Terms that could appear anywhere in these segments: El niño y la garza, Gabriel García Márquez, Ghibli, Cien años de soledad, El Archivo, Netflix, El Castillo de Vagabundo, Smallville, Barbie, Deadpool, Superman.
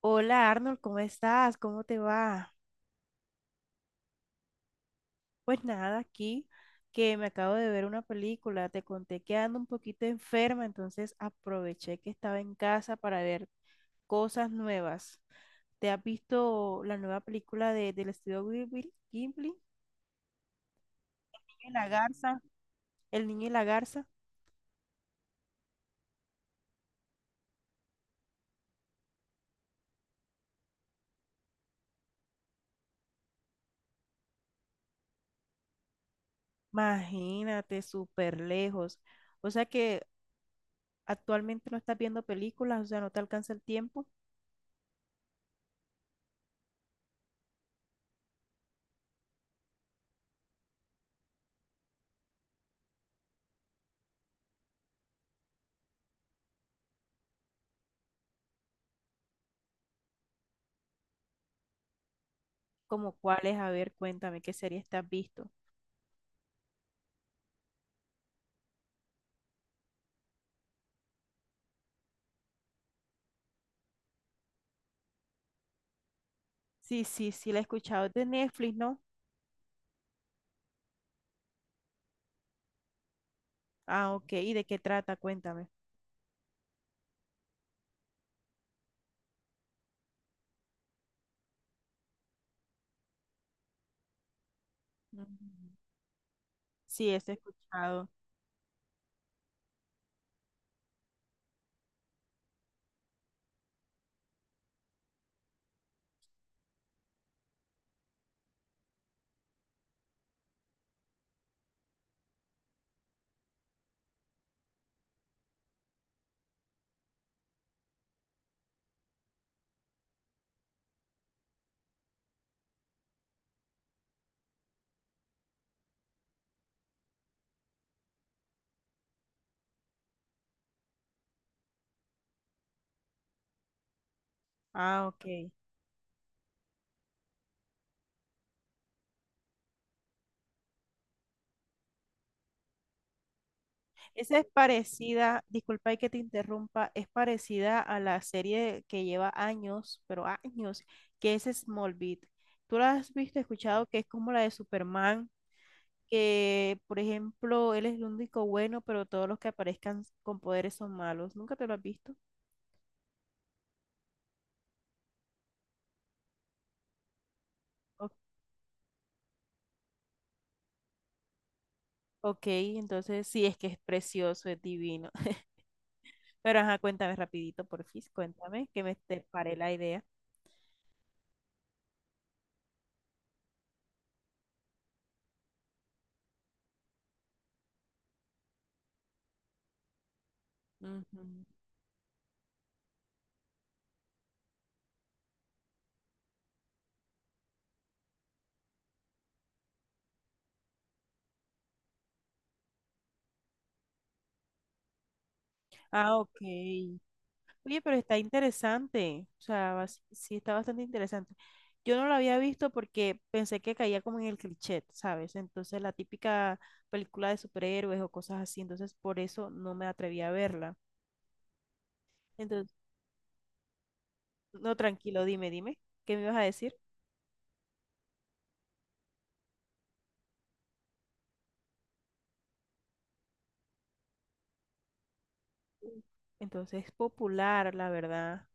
Hola Arnold, ¿cómo estás? ¿Cómo te va? Pues nada, aquí que me acabo de ver una película, te conté que ando un poquito enferma, entonces aproveché que estaba en casa para ver cosas nuevas. ¿Te has visto la nueva película del estudio Ghibli? El niño y la garza. El niño y la garza. Imagínate, súper lejos. O sea que actualmente no estás viendo películas, o sea, no te alcanza el tiempo. ¿Como cuáles? A ver, cuéntame, ¿qué serie estás visto? Sí, sí, sí, la he escuchado. Es de Netflix, ¿no? Ah, ok. ¿Y de qué trata? Cuéntame. Ujú. Sí, eso he escuchado. Ah, ok. Esa es parecida, disculpa y que te interrumpa, es parecida a la serie que lleva años, pero años, que es Smallville. ¿Tú la has visto, escuchado, que es como la de Superman, que, por ejemplo, él es el único bueno, pero todos los que aparezcan con poderes son malos? ¿Nunca te lo has visto? O- Ok, entonces sí, es que es precioso, es divino. Pero ajá, cuéntame rapidito, porfis, cuéntame, que me te paré la idea. Ujú. Ah, ok. Oye, pero está interesante. O sea, sí está bastante interesante. Yo no lo había visto porque pensé que caía como en el cliché, ¿sabes? Entonces, la típica película de superhéroes o cosas así. Entonces, por eso no me atreví a verla. Entonces, no, tranquilo, dime, dime. ¿Qué me ibas a decir? Entonces, es popular, la verdad.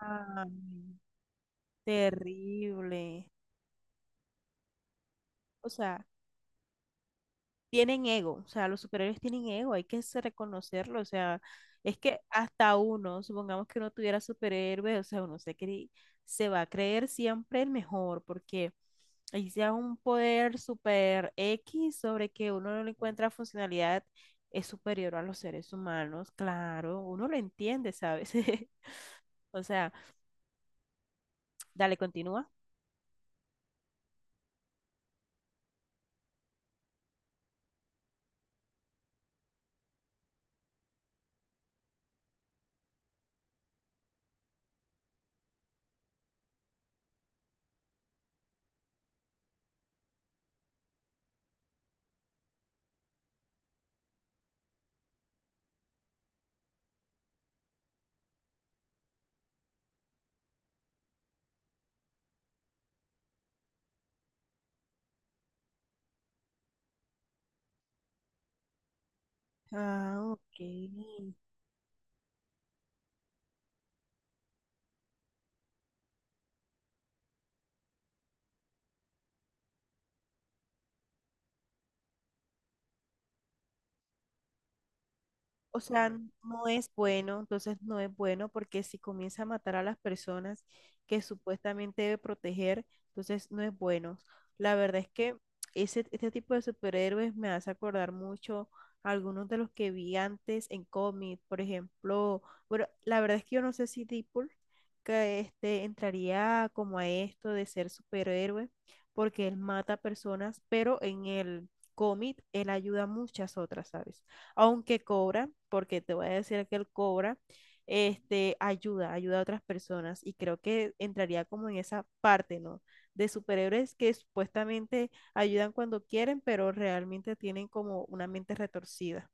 Ay, terrible. O sea, tienen ego, o sea, los superhéroes tienen ego, hay que reconocerlo, o sea, es que hasta uno, supongamos que uno tuviera superhéroes, o sea, uno se va a creer siempre el mejor, porque ahí sea un poder super X sobre que uno no le encuentra funcionalidad, es superior a los seres humanos, claro, uno lo entiende, ¿sabes? O sea, dale, continúa. Ah, ok. O sea, no es bueno, entonces no es bueno porque si comienza a matar a las personas que supuestamente debe proteger, entonces no es bueno. La verdad es que ese, este tipo de superhéroes me hace acordar mucho a algunos de los que vi antes en cómic, por ejemplo, bueno, la verdad es que yo no sé si Deadpool que este entraría como a esto de ser superhéroe porque él mata personas, pero en el cómic él ayuda a muchas otras, ¿sabes? Aunque cobra, porque te voy a decir que él cobra, este, ayuda a otras personas y creo que entraría como en esa parte, ¿no? De superhéroes que supuestamente ayudan cuando quieren, pero realmente tienen como una mente retorcida.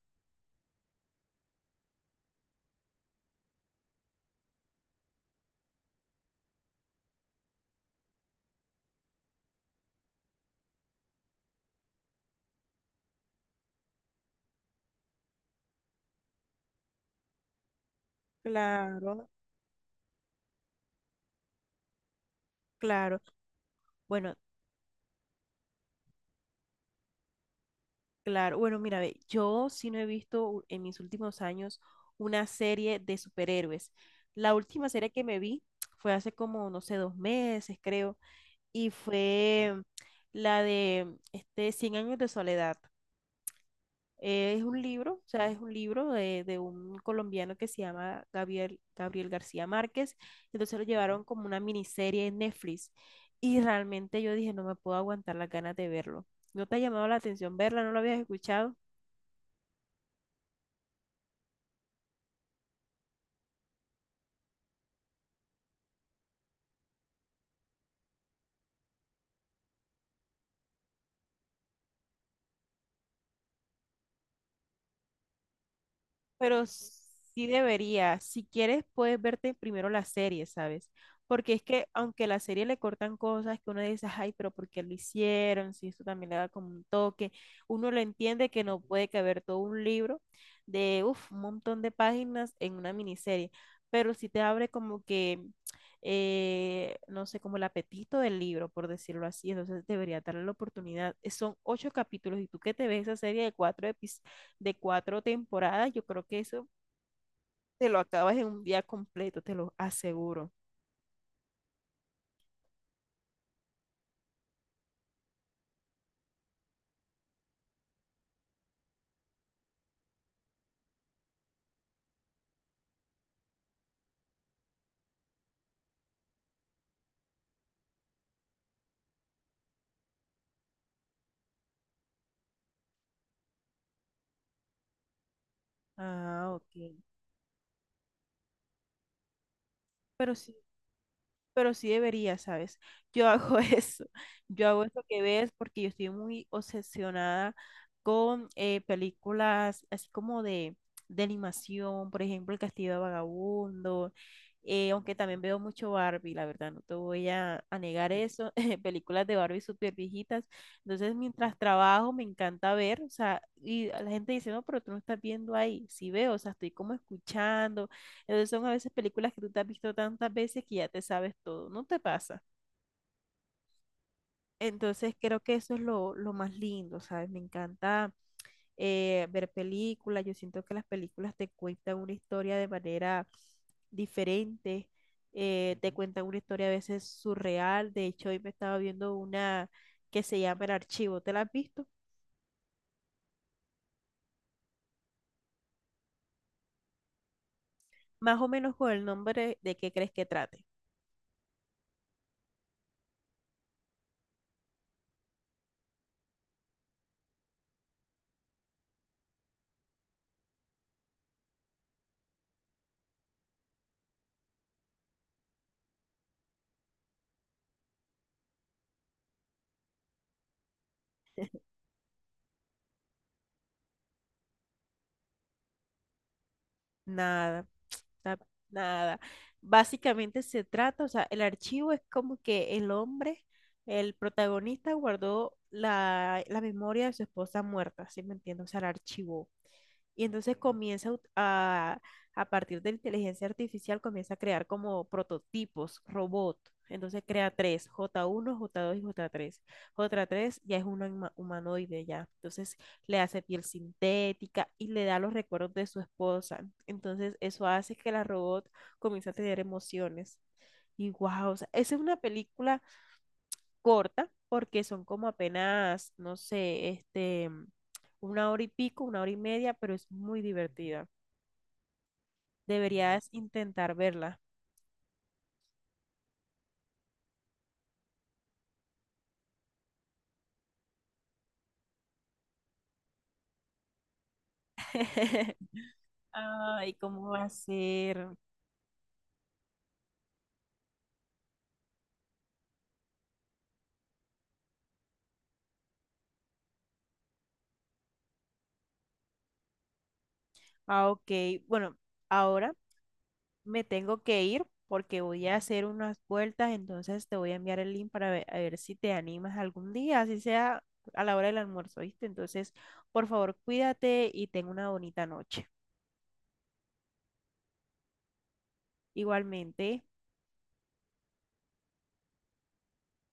Claro, claro. Bueno, claro. Bueno, mira, ve, yo sí no he visto en mis últimos años una serie de superhéroes. La última serie que me vi fue hace como, no sé, 2 meses, creo, y fue la de este, Cien años de soledad. Es un libro, o sea, es un libro de un colombiano que se llama Gabriel García Márquez. Entonces lo llevaron como una miniserie en Netflix y realmente yo dije, no me puedo aguantar las ganas de verlo. ¿No te ha llamado la atención verla? ¿No lo habías escuchado? Pero sí debería. Si quieres, puedes verte primero la serie, ¿sabes? Porque es que aunque la serie le cortan cosas que uno dice, ay, pero ¿por qué lo hicieron? Si esto también le da como un toque, uno lo entiende que no puede caber todo un libro de, uf, un montón de páginas en una miniserie, pero sí te abre como que, no sé, como el apetito del libro, por decirlo así, entonces debería darle la oportunidad. Son 8 capítulos y tú que te ves esa serie de 4 episodios de 4 temporadas, yo creo que eso te lo acabas en un día completo, te lo aseguro. Ah, ok. Pero sí, pero sí debería, ¿sabes? Yo hago eso, yo hago eso que ves porque yo estoy muy obsesionada con películas así como de animación, por ejemplo, El Castillo de Vagabundo, aunque también veo mucho Barbie, la verdad, no te voy a negar eso, películas de Barbie súper viejitas, entonces mientras trabajo me encanta ver, o sea, y la gente dice, no, pero tú no estás viendo ahí, sí veo, o sea, estoy como escuchando entonces son a veces películas que tú te has visto tantas veces que ya te sabes todo, ¿no te pasa? Entonces creo que eso es lo más lindo, ¿sabes? Me encanta ver películas. Yo siento que las películas te cuentan una historia de manera diferente, te cuentan una historia a veces surreal. De hecho hoy me estaba viendo una que se llama El Archivo, ¿te la has visto? Más o menos con el nombre de qué crees que trate. Nada, na- nada. Básicamente se trata, o sea, el archivo es como que el hombre, el protagonista guardó la memoria de su esposa muerta, ¿sí me entiendes? O sea, la archivó. Y entonces comienza a, a partir de la inteligencia artificial, comienza a crear como prototipos, robot. Entonces crea tres, J1 J2 y J3 J3 ya es un humanoide ya. Entonces le hace piel sintética y le da los recuerdos de su esposa. Entonces eso hace que la robot comience a tener emociones. Y wow, o sea, esa es una película corta, porque son como apenas, no sé, este, una hora y pico, una hora y media, pero es muy divertida. Deberías intentar verla. Ay, ¿cómo va a ser? Ah, ok. Bueno, ahora me tengo que ir porque voy a hacer unas vueltas, entonces te voy a enviar el link para ver, a ver si te animas algún día, así sea a la hora del almuerzo, ¿viste? Entonces, por favor, cuídate y ten una bonita noche. Igualmente.